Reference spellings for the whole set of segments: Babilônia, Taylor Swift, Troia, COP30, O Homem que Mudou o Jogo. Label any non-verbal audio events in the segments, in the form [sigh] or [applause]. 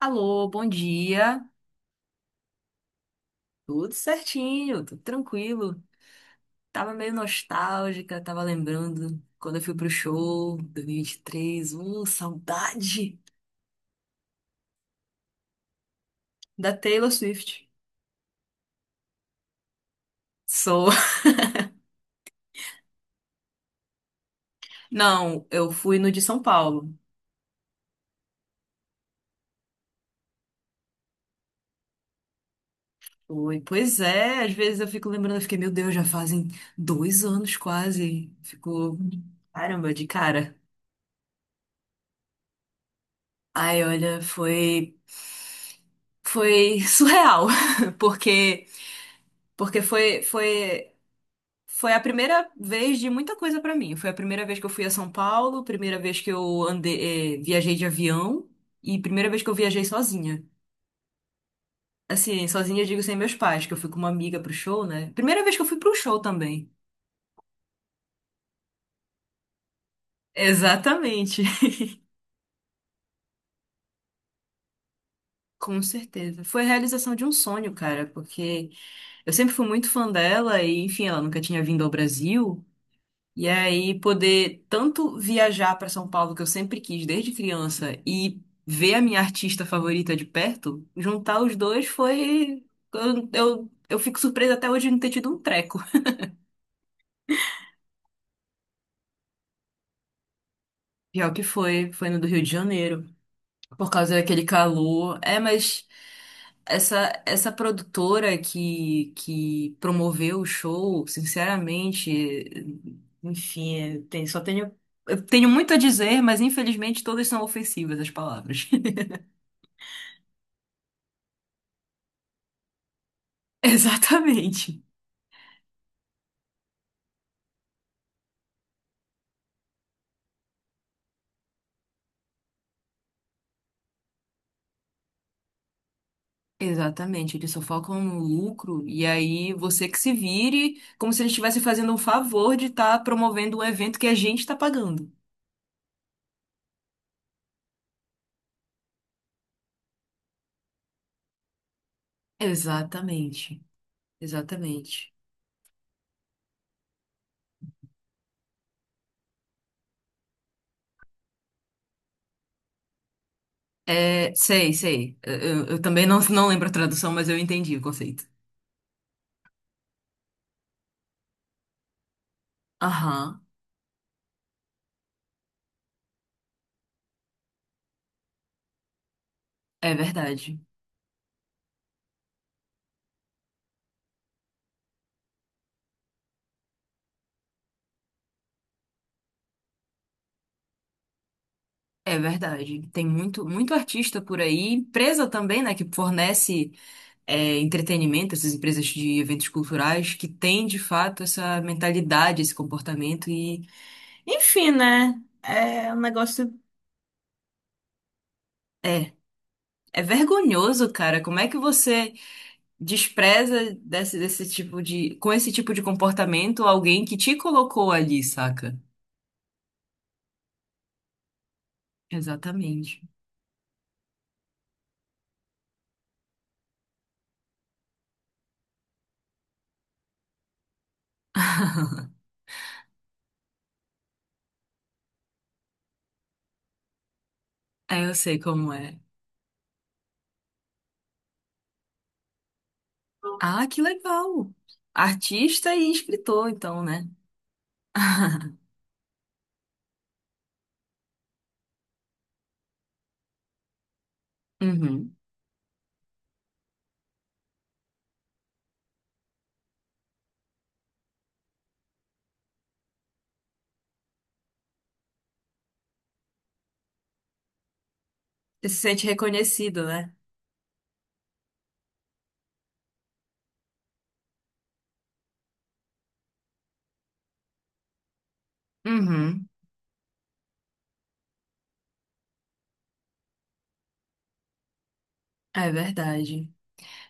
Alô, bom dia. Tudo certinho, tudo tranquilo. Tava meio nostálgica, tava lembrando quando eu fui pro show 2023. Saudade da Taylor Swift. Sou. [laughs] Não, eu fui no de São Paulo. Foi. Pois é, às vezes eu fico lembrando, eu fiquei, meu Deus, já fazem 2 anos quase. Ficou, caramba, de cara. Ai, olha, foi surreal, [laughs] porque, porque foi a primeira vez de muita coisa pra mim. Foi a primeira vez que eu fui a São Paulo, primeira vez que eu andei, viajei de avião e primeira vez que eu viajei sozinha. Assim, sozinha eu digo sem meus pais, que eu fui com uma amiga pro show, né? Primeira vez que eu fui pro show também. Exatamente. [laughs] Com certeza. Foi a realização de um sonho, cara, porque eu sempre fui muito fã dela e, enfim, ela nunca tinha vindo ao Brasil. E aí poder tanto viajar para São Paulo, que eu sempre quis desde criança, e ver a minha artista favorita de perto, juntar os dois foi. Eu fico surpresa até hoje de não ter tido um treco. Pior que foi, foi no do Rio de Janeiro, por causa daquele calor. É, mas essa produtora que promoveu o show, sinceramente, enfim, tem, só tenho. Eu tenho muito a dizer, mas infelizmente todas são ofensivas as palavras. [laughs] Exatamente. Exatamente, eles só focam no lucro e aí você que se vire, como se eles estivessem fazendo um favor de estar promovendo um evento que a gente está pagando. Exatamente, exatamente. É, sei, sei. Eu também não, não lembro a tradução, mas eu entendi o conceito. Aham, é verdade. É verdade. Tem muito, muito artista por aí, empresa também, né, que fornece. É, entretenimento, essas empresas de eventos culturais que têm de fato essa mentalidade, esse comportamento e, enfim, né? É um negócio. É, é vergonhoso, cara. Como é que você despreza com esse tipo de comportamento alguém que te colocou ali, saca? Exatamente. [laughs] É, eu sei como é. Ah, que legal! Artista e escritor, então, né? [laughs] Uhum. Você se sente reconhecido, né? Uhum. É verdade.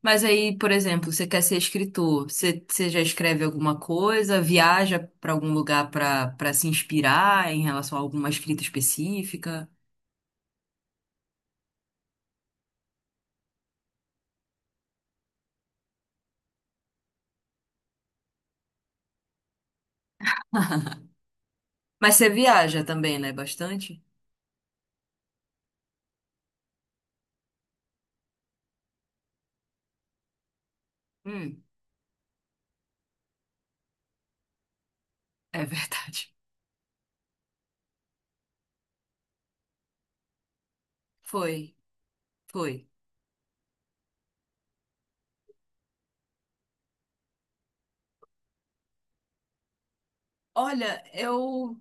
Mas aí, por exemplo, você quer ser escritor, você, você já escreve alguma coisa, viaja para algum lugar para para se inspirar em relação a alguma escrita específica? [laughs] Mas você viaja também, né? Bastante? Hum, é verdade. Foi, foi. Olha, eu.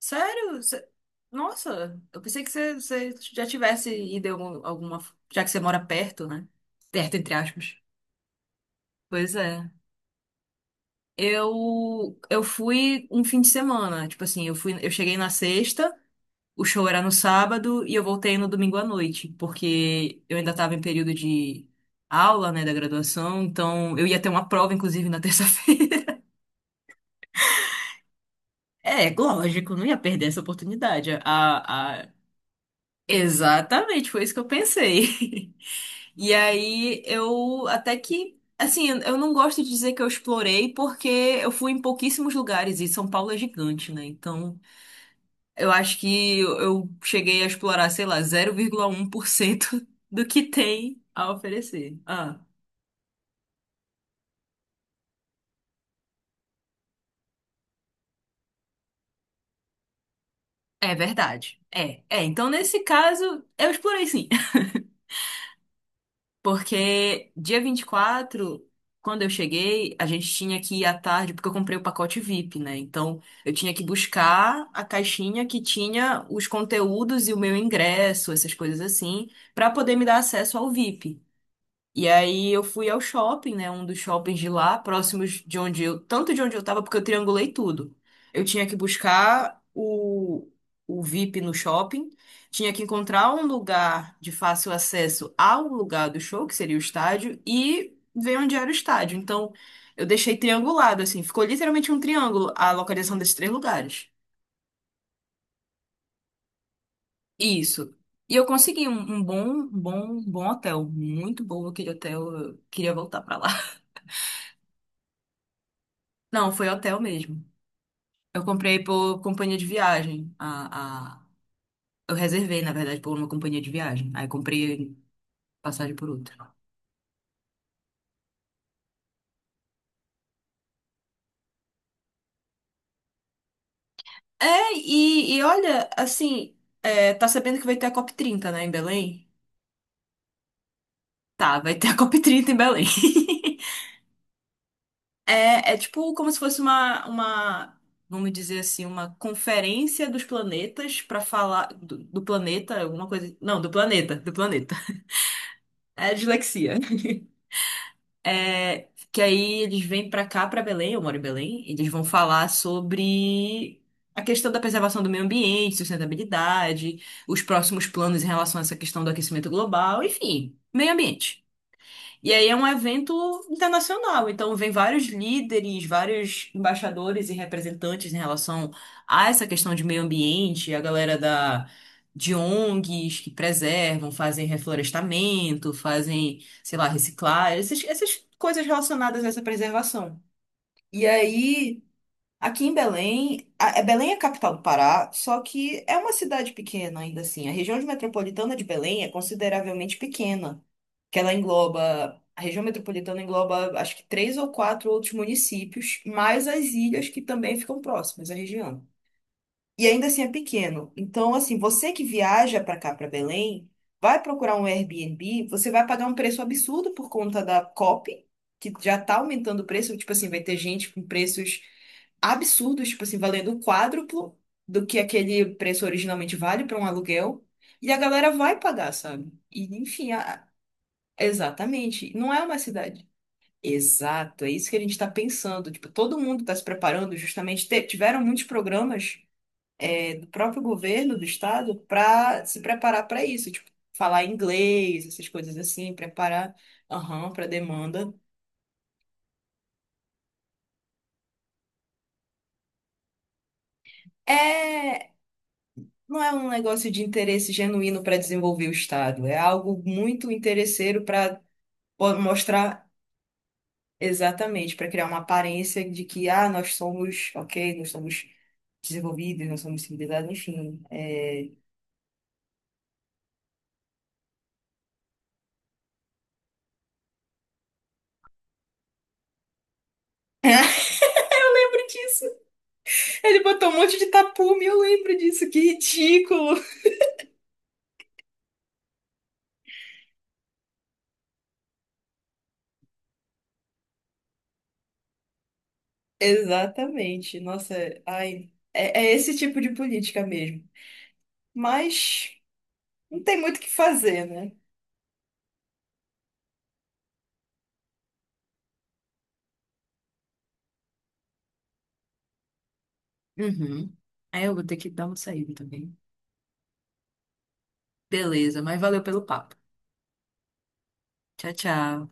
Sério? Nossa, eu pensei que você, você já tivesse ido em alguma. Já que você mora perto, né? Perto, entre aspas. Pois é. Eu fui um fim de semana, tipo assim, eu fui, eu cheguei na sexta, o show era no sábado e eu voltei no domingo à noite, porque eu ainda estava em período de aula, né, da graduação, então eu ia ter uma prova, inclusive, na terça-feira. [laughs] É, lógico, não ia perder essa oportunidade. A... Exatamente, foi isso que eu pensei. [laughs] E aí eu até que, assim, eu não gosto de dizer que eu explorei, porque eu fui em pouquíssimos lugares e São Paulo é gigante, né? Então. Eu acho que eu cheguei a explorar, sei lá, 0,1% [laughs] do que tem a oferecer. Ah, é verdade. É, é. Então, nesse caso, eu explorei sim. [laughs] Porque dia 24 quando eu cheguei, a gente tinha que ir à tarde, porque eu comprei o pacote VIP, né? Então, eu tinha que buscar a caixinha que tinha os conteúdos e o meu ingresso, essas coisas assim, para poder me dar acesso ao VIP. E aí eu fui ao shopping, né? Um dos shoppings de lá, próximos de onde eu, tanto de onde eu tava, porque eu triangulei tudo. Eu tinha que buscar o VIP no shopping, tinha que encontrar um lugar de fácil acesso ao lugar do show, que seria o estádio, e ver onde era o estádio. Então, eu deixei triangulado, assim, ficou literalmente um triângulo a localização desses três lugares. Isso. E eu consegui um bom hotel, muito bom aquele hotel, eu queria voltar pra lá. [laughs] Não, foi hotel mesmo. Eu comprei por companhia de viagem. A... Eu reservei, na verdade, por uma companhia de viagem. Aí comprei passagem por outra. É, e olha, assim, é, tá sabendo que vai ter a COP30, né, em Belém? Tá, vai ter a COP30 em Belém. [laughs] É, é tipo como se fosse vamos dizer assim, uma conferência dos planetas pra falar do planeta, alguma coisa. Não, do planeta, do planeta. É dislexia. É, que aí eles vêm pra cá, pra Belém, eu moro em Belém, e eles vão falar sobre a questão da preservação do meio ambiente, sustentabilidade, os próximos planos em relação a essa questão do aquecimento global, enfim, meio ambiente. E aí é um evento internacional, então vem vários líderes, vários embaixadores e representantes em relação a essa questão de meio ambiente, a galera da de ONGs que preservam, fazem reflorestamento, fazem, sei lá, reciclar, essas coisas relacionadas a essa preservação. E aí aqui em Belém, Belém é a capital do Pará, só que é uma cidade pequena ainda assim. A região de metropolitana de Belém é consideravelmente pequena, que ela engloba, a região metropolitana engloba acho que três ou quatro outros municípios, mais as ilhas que também ficam próximas à região. E ainda assim é pequeno. Então, assim, você que viaja para cá, para Belém, vai procurar um Airbnb, você vai pagar um preço absurdo por conta da COP, que já tá aumentando o preço, tipo assim, vai ter gente com preços absurdos, tipo assim, valendo o quádruplo do que aquele preço originalmente vale para um aluguel, e a galera vai pagar, sabe? E enfim, exatamente, não é uma cidade. Exato, é isso que a gente está pensando. Tipo, todo mundo está se preparando, justamente tiveram muitos programas é, do próprio governo do estado para se preparar para isso, tipo, falar inglês, essas coisas assim, preparar, aham, para demanda. É não é um negócio de interesse genuíno para desenvolver o Estado, é algo muito interesseiro para mostrar exatamente, para criar uma aparência de que, ah, nós somos, ok, nós somos desenvolvidos, nós somos civilizados, enfim. É. Lembro disso. Ele botou um monte de tapume, eu lembro disso, que ridículo. Exatamente, nossa, ai, é, é esse tipo de política mesmo. Mas não tem muito o que fazer, né? Uhum. Aí eu vou ter que dar uma saída também. Beleza, mas valeu pelo papo. Tchau, tchau.